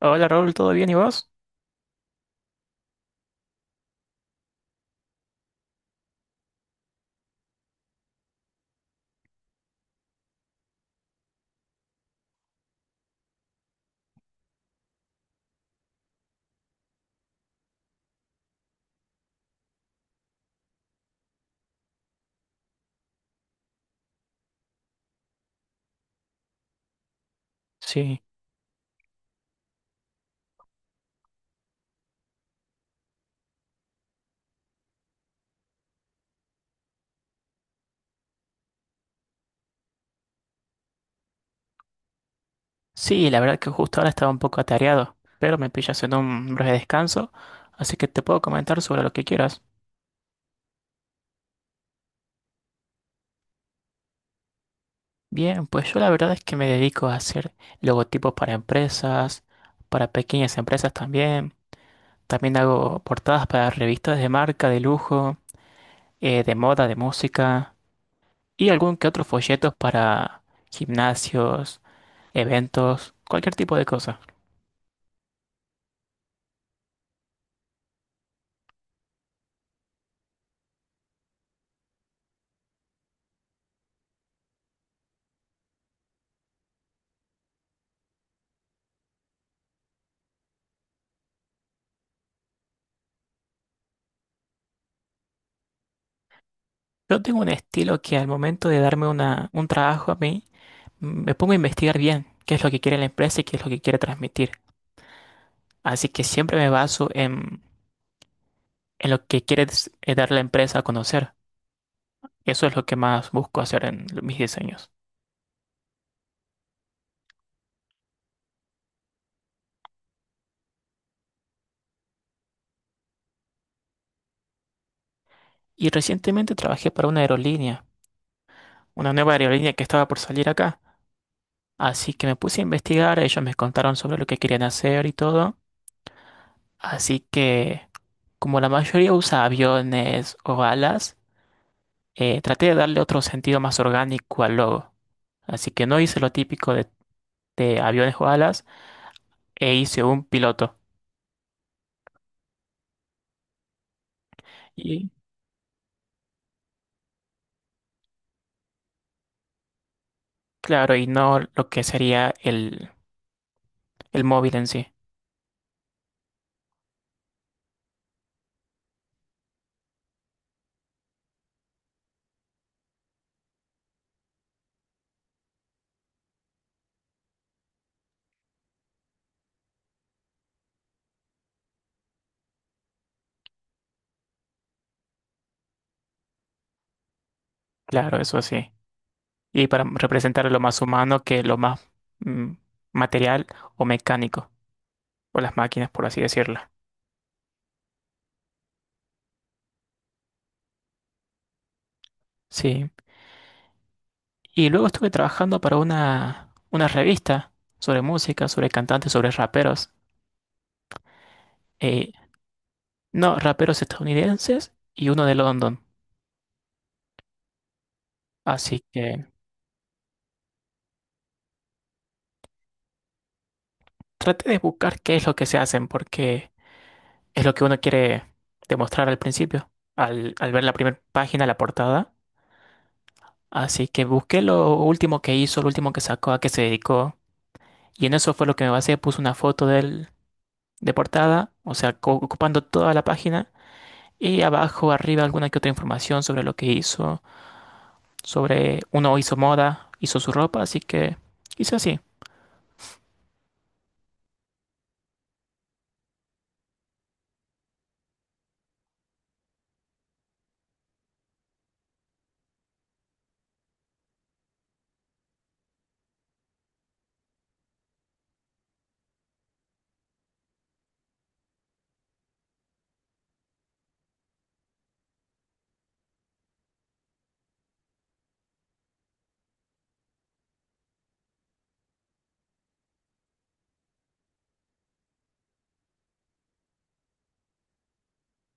Hola Raúl, ¿todo bien y vos? Sí, sí, la verdad que justo ahora estaba un poco atareado, pero me pillas en un breve descanso, así que te puedo comentar sobre lo que quieras. Bien, pues yo la verdad es que me dedico a hacer logotipos para empresas, para pequeñas empresas también. También hago portadas para revistas de marca, de lujo, de moda, de música y algún que otro folletos para gimnasios, eventos, cualquier tipo de cosa. Yo tengo un estilo que al momento de darme una, un trabajo a mí, me pongo a investigar bien qué es lo que quiere la empresa y qué es lo que quiere transmitir. Así que siempre me baso en lo que quiere dar la empresa a conocer. Eso es lo que más busco hacer en lo- mis diseños. Y recientemente trabajé para una aerolínea, una nueva aerolínea que estaba por salir acá. Así que me puse a investigar, ellos me contaron sobre lo que querían hacer y todo. Así que, como la mayoría usa aviones o alas, traté de darle otro sentido más orgánico al logo. Así que no hice lo típico de aviones o alas e hice un piloto. Y claro, y no lo que sería el móvil en sí. Claro, eso sí. Y para representar lo más humano que lo más mm, material o mecánico, o las máquinas, por así decirlo. Sí. Y luego estuve trabajando para una revista sobre música, sobre cantantes, sobre raperos. Eh, no, raperos estadounidenses y uno de London. Así que traté de buscar qué es lo que se hacen, porque es lo que uno quiere demostrar al principio, al, al ver la primera página, la portada. Así que busqué lo último que hizo, lo último que sacó, a qué se dedicó. Y en eso fue lo que me basé. Puse una foto de él de portada, o sea, co- ocupando toda la página. Y abajo, arriba, alguna que otra información sobre lo que hizo. Sobre uno hizo moda, hizo su ropa, así que hice así.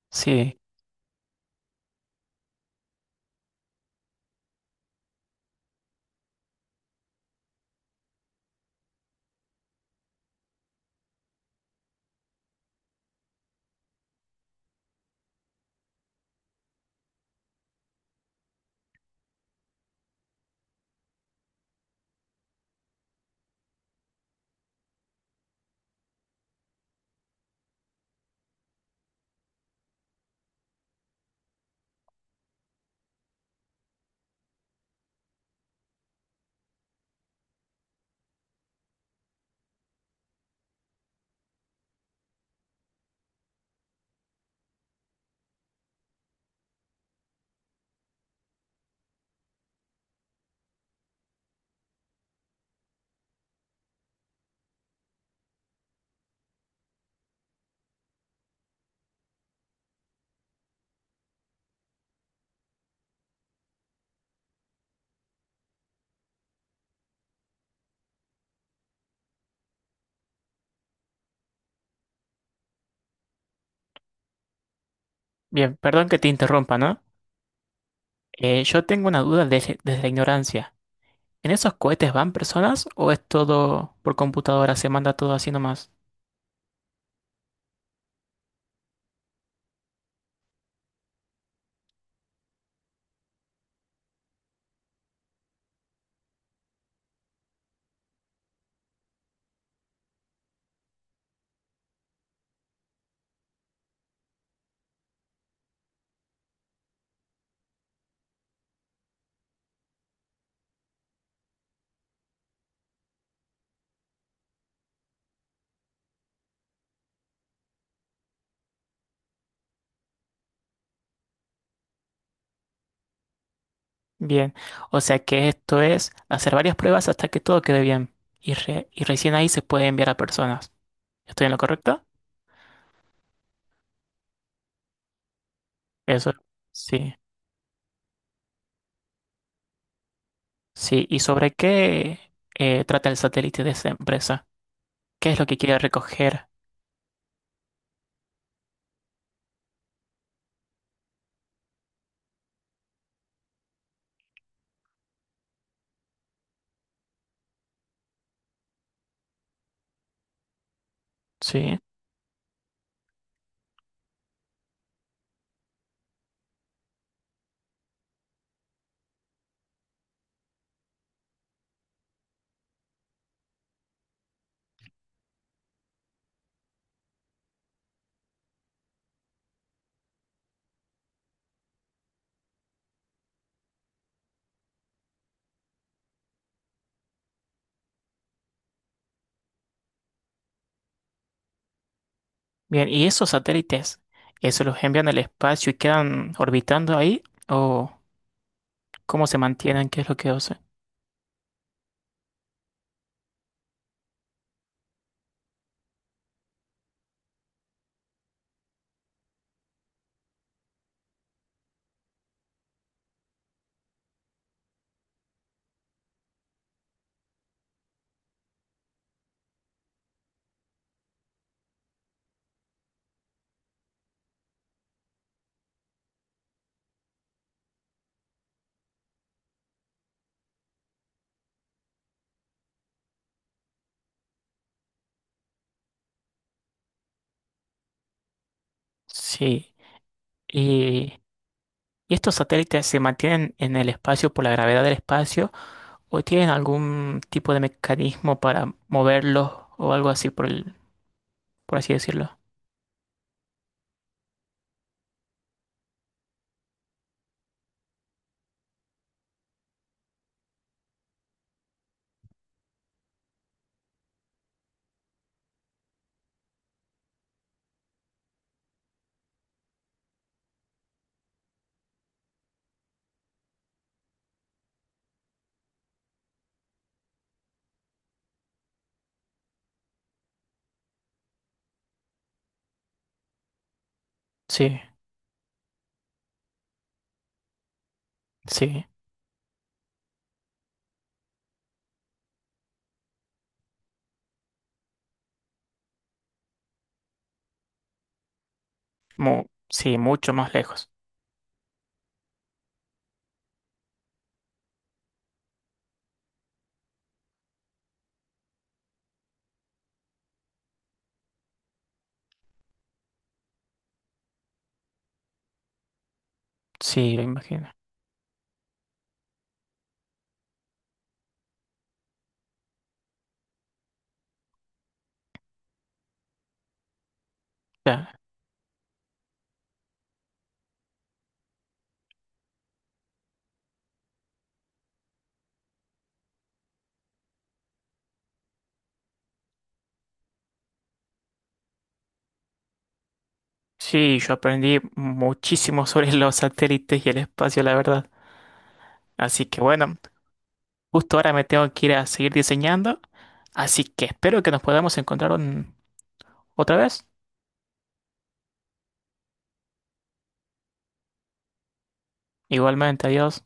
Sí. Bien, perdón que te interrumpa, ¿no? Yo tengo una duda desde la ignorancia. ¿En esos cohetes van personas o es todo por computadora? Se manda todo así nomás. Bien, o sea que esto es hacer varias pruebas hasta que todo quede bien. Y, y recién ahí se puede enviar a personas. ¿Estoy en lo correcto? Eso. Sí, sí. ¿Y sobre qué trata el satélite de esa empresa? ¿Qué es lo que quiere recoger? Sí. Bien, ¿y esos satélites, eso los envían al espacio y quedan orbitando ahí? ¿O cómo se mantienen? ¿Qué es lo que hacen? Sí. Y ¿y estos satélites se mantienen en el espacio por la gravedad del espacio o tienen algún tipo de mecanismo para moverlos o algo así por por así decirlo? Sí, sí, sí, mucho más lejos. Sí, me imagino. Claro. Sí, yo aprendí muchísimo sobre los satélites y el espacio, la verdad. Así que bueno, justo ahora me tengo que ir a seguir diseñando, así que espero que nos podamos encontrar otra vez. Igualmente, adiós.